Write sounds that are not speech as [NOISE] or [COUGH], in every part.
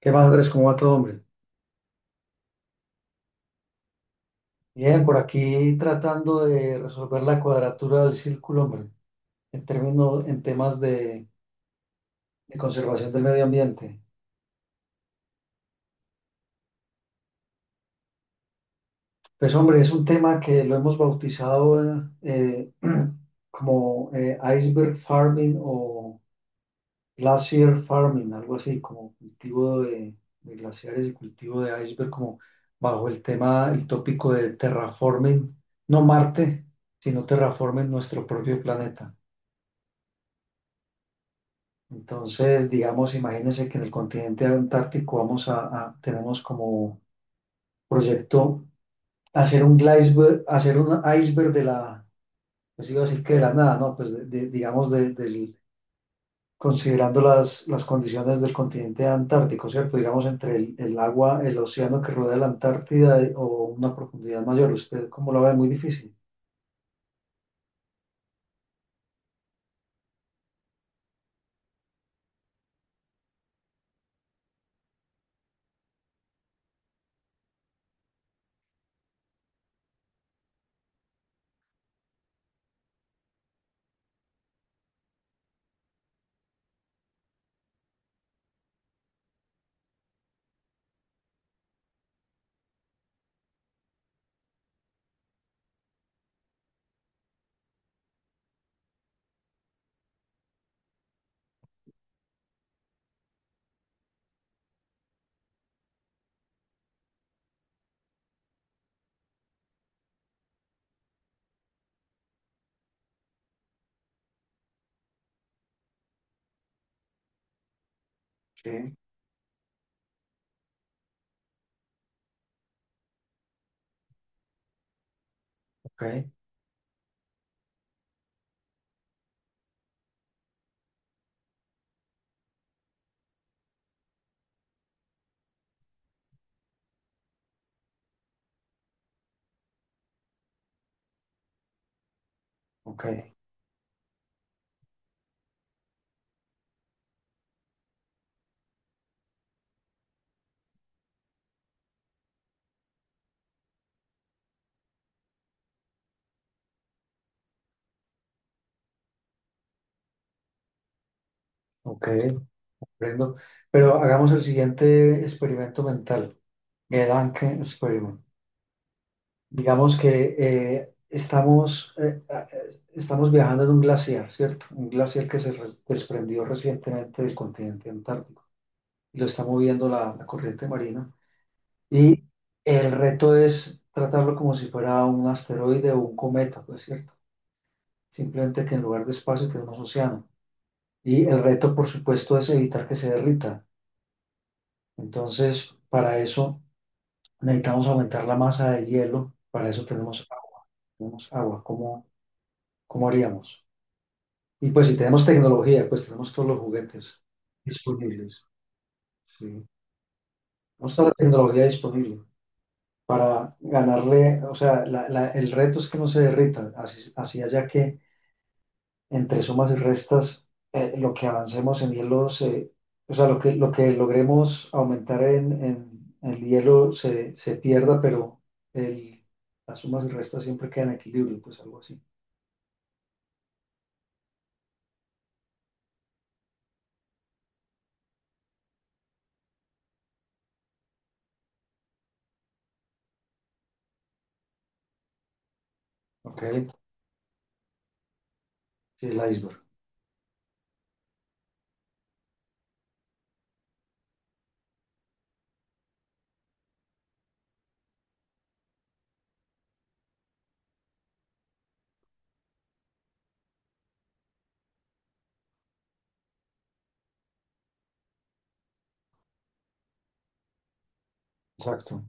¿Qué más, Andrés? ¿Cómo va todo, hombre? Bien, por aquí tratando de resolver la cuadratura del círculo, hombre, en términos, en temas de conservación del medio ambiente. Pues, hombre, es un tema que lo hemos bautizado eh, [CLEARS THROAT] como iceberg farming o glacier farming, algo así, como cultivo de glaciares y cultivo de iceberg, como bajo el tema, el tópico de terraforming, no Marte, sino terraforming nuestro propio planeta. Entonces, digamos, imagínense que en el continente antártico vamos a, tenemos como proyecto hacer un iceberg de la, pues iba a decir que de la nada, ¿no? Pues digamos, del, considerando las condiciones del continente antártico, ¿cierto? Digamos, entre el agua, el océano que rodea la Antártida o una profundidad mayor. ¿Usted cómo lo ve? Muy difícil. Sí. Ok, ok, ok, comprendo. Pero hagamos el siguiente experimento mental, el Anke Experiment. Digamos que estamos viajando en un glaciar, ¿cierto? Un glaciar que se desprendió recientemente del continente antártico y lo está moviendo la, la corriente marina. Y el reto es tratarlo como si fuera un asteroide o un cometa, pues, ¿cierto? Simplemente que en lugar de espacio tenemos océano. Y el reto, por supuesto, es evitar que se derrita. Entonces, para eso necesitamos aumentar la masa de hielo. Para eso tenemos agua. Tenemos agua. ¿Cómo haríamos? Y pues si tenemos tecnología, pues tenemos todos los juguetes disponibles. Sí. Tenemos toda la tecnología disponible para ganarle, o sea, el reto es que no se derrita, así, así haya que entre sumas y restas, lo que avancemos en hielo, se, o sea, lo que logremos aumentar en, en el hielo se, se pierda, pero el, las sumas y restas siempre quedan en equilibrio, pues algo así. Ok, sí, el iceberg, exacto.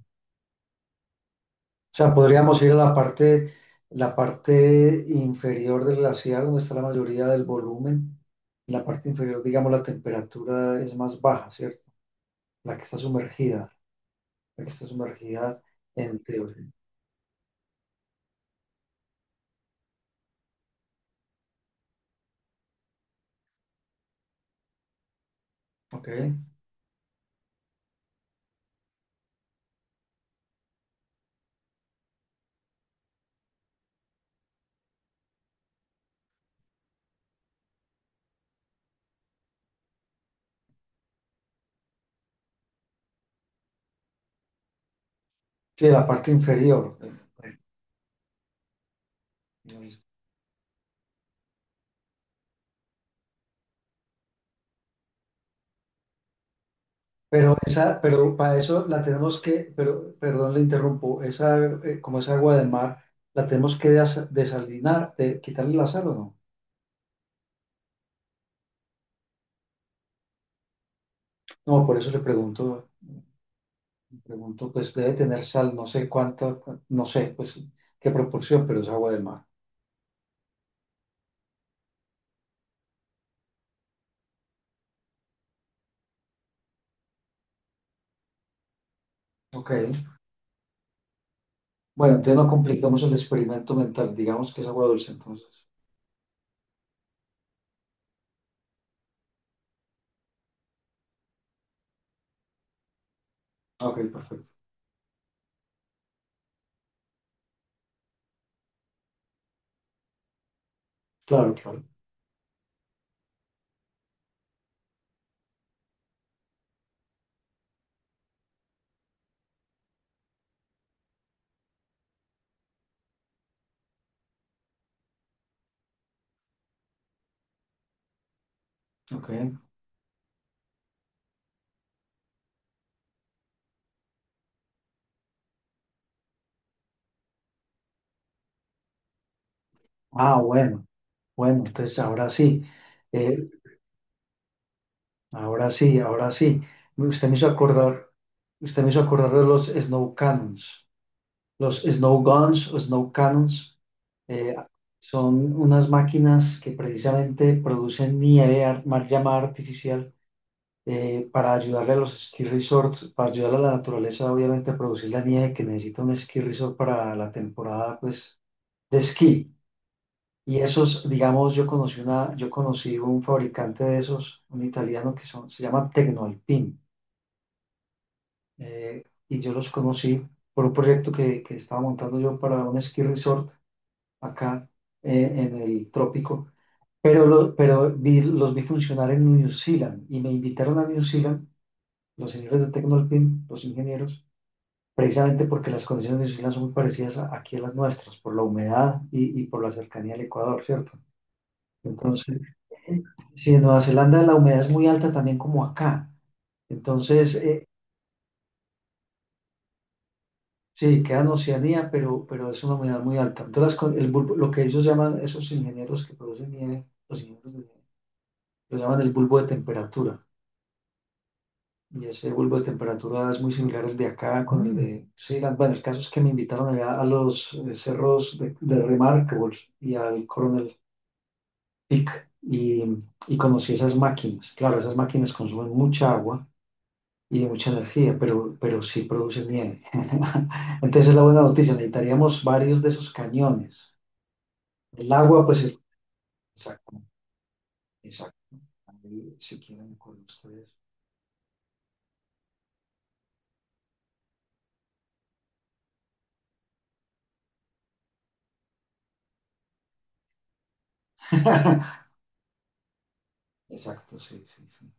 O sea, podríamos ir a la parte inferior del glaciar, donde está la mayoría del volumen. En la parte inferior, digamos, la temperatura es más baja, ¿cierto? La que está sumergida, la que está sumergida en teoría. ¿Ok? Sí, la parte inferior. Eh, Pero esa, pero para eso la tenemos que, pero, perdón, le interrumpo, esa, como es agua de mar, la tenemos que desalinar, de, quitarle la sal o no. No, por eso le pregunto. Pregunto, pues debe tener sal, no sé cuánto, no sé, pues qué proporción, pero es agua de mar. Ok. Bueno, entonces no complicamos el experimento mental, digamos que es agua dulce, entonces. Ok, perfecto. Claro, claro. Ok. Ah, bueno, bueno, entonces ahora sí, eh, ahora sí, ahora sí. Usted me hizo acordar, usted me hizo acordar de los snow cannons. Los Snow Guns o Snow Cannons eh, son unas máquinas que precisamente producen nieve, llamada artificial, para ayudarle a los ski resorts, para ayudar a la naturaleza, obviamente, a producir la nieve que necesita un ski resort para la temporada, pues, de esquí. Y esos, digamos, yo conocí una, yo conocí un fabricante de esos, un italiano que son, se llama Tecnoalpin, eh, y yo los conocí por un proyecto que estaba montando yo para un ski resort acá en el trópico, pero, pero los vi funcionar en New Zealand y me invitaron a New Zealand, los señores de Tecnolpin, los ingenieros, precisamente porque las condiciones de New Zealand son muy parecidas aquí a las nuestras, por la humedad y por la cercanía al Ecuador, ¿cierto? Entonces, eh, sí, en Nueva Zelanda la humedad es muy alta también como acá, entonces... eh, Sí, queda en Oceanía, pero es una humedad muy alta. Entonces, las con- el bulbo- lo que ellos llaman, esos ingenieros que producen nieve, los ingenieros de nieve, lo llaman el bulbo de temperatura. Y ese bulbo de temperatura es muy similar al de acá con el de sí. Bueno, el caso es que me invitaron allá a los cerros de Remarkables y al Coronel Peak y conocí esas máquinas. Claro, esas máquinas consumen mucha agua y mucha energía, pero sí producen nieve. [LAUGHS] Entonces es la buena noticia, necesitaríamos varios de esos cañones. El agua, pues, exacto, exacto. Ahí, si quieren, con ustedes. [LAUGHS] Exacto, sí, sí, sí.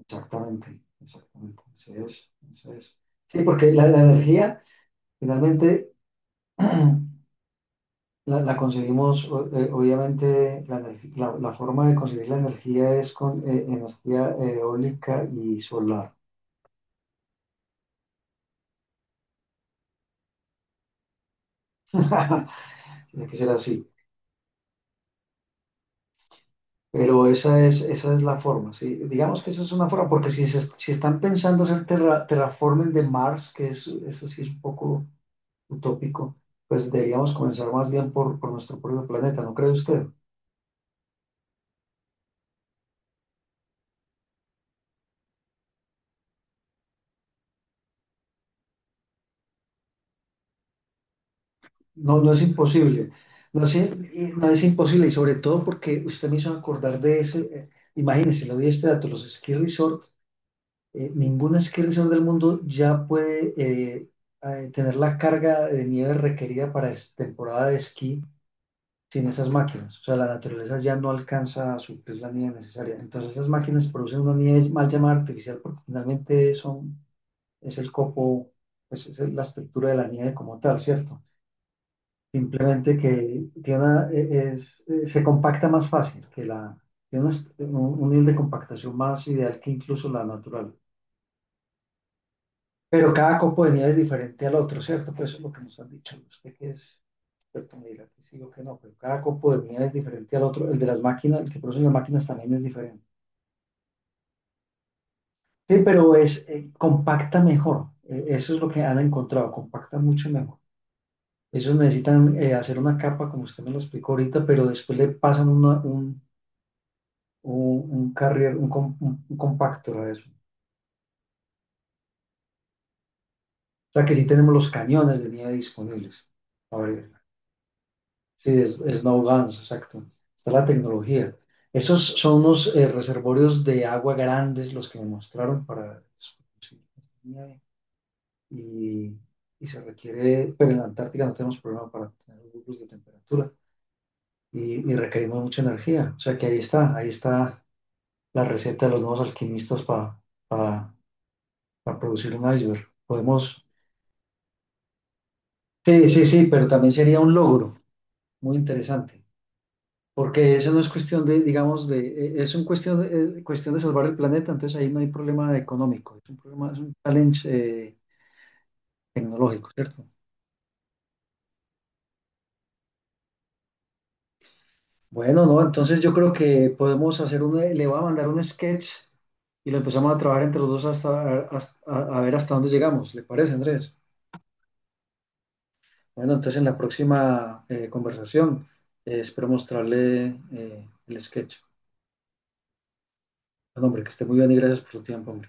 Exactamente, exactamente. Eso es, eso es. Sí, porque la energía, finalmente, [CLEARS THROAT] la, la conseguimos, obviamente, la, la, la forma de conseguir la energía es con energía eólica y solar. [LAUGHS] Tiene que ser así. Pero esa es la forma, ¿sí? Digamos que esa es una forma, porque si, si están pensando hacer terraforming de Mars, que es, eso sí es un poco utópico, pues deberíamos comenzar más bien por nuestro propio planeta, ¿no cree usted? No, no es imposible. No es, no es imposible y sobre todo porque usted me hizo acordar de ese. Imagínese, le doy este dato, los ski resort, ningún ski resort del mundo ya puede tener la carga de nieve requerida para temporada de esquí sin esas máquinas. O sea, la naturaleza ya no alcanza a suplir la nieve necesaria. Entonces esas máquinas producen una nieve mal llamada artificial porque finalmente son, es el copo, pues es la estructura de la nieve como tal, ¿cierto? Simplemente que tiene es, se compacta más fácil que la, tiene un nivel de compactación más ideal que incluso la natural. Pero cada copo de nieve es diferente al otro, ¿cierto? Pues eso es lo que nos han dicho. Usted que es experto me dirá que sí o que no, pero cada copo de nieve es diferente al otro. El de las máquinas, el que producen las máquinas también es diferente. Sí, pero es compacta mejor. Eso es lo que han encontrado, compacta mucho mejor. Ellos necesitan hacer una capa, como usted me lo explicó ahorita, pero después le pasan una, un carrier, un, un compactor de eso. O sea que sí tenemos los cañones de nieve disponibles. A ver, sí, es, snow guns, exacto. Está la tecnología. Esos son unos reservorios de agua grandes los que me mostraron para eso, sí, nieve. Y, y se requiere, pero en la Antártica no tenemos problema para tener grupos de temperatura y requerimos mucha energía. O sea que ahí está la receta de los nuevos alquimistas para, para producir un iceberg. Podemos sí, sí, sí, pero también sería un logro muy interesante, porque eso no es cuestión de, digamos, de, es un cuestión de salvar el planeta, entonces ahí no hay problema económico, es un problema, es un challenge eh, tecnológico, ¿cierto? Bueno, no, entonces yo creo que podemos hacer un, le voy a mandar un sketch y lo empezamos a trabajar entre los dos hasta, a ver hasta dónde llegamos, ¿le parece, Andrés? Bueno, entonces en la próxima conversación espero mostrarle el sketch. Bueno, hombre, que esté muy bien y gracias por su tiempo, hombre.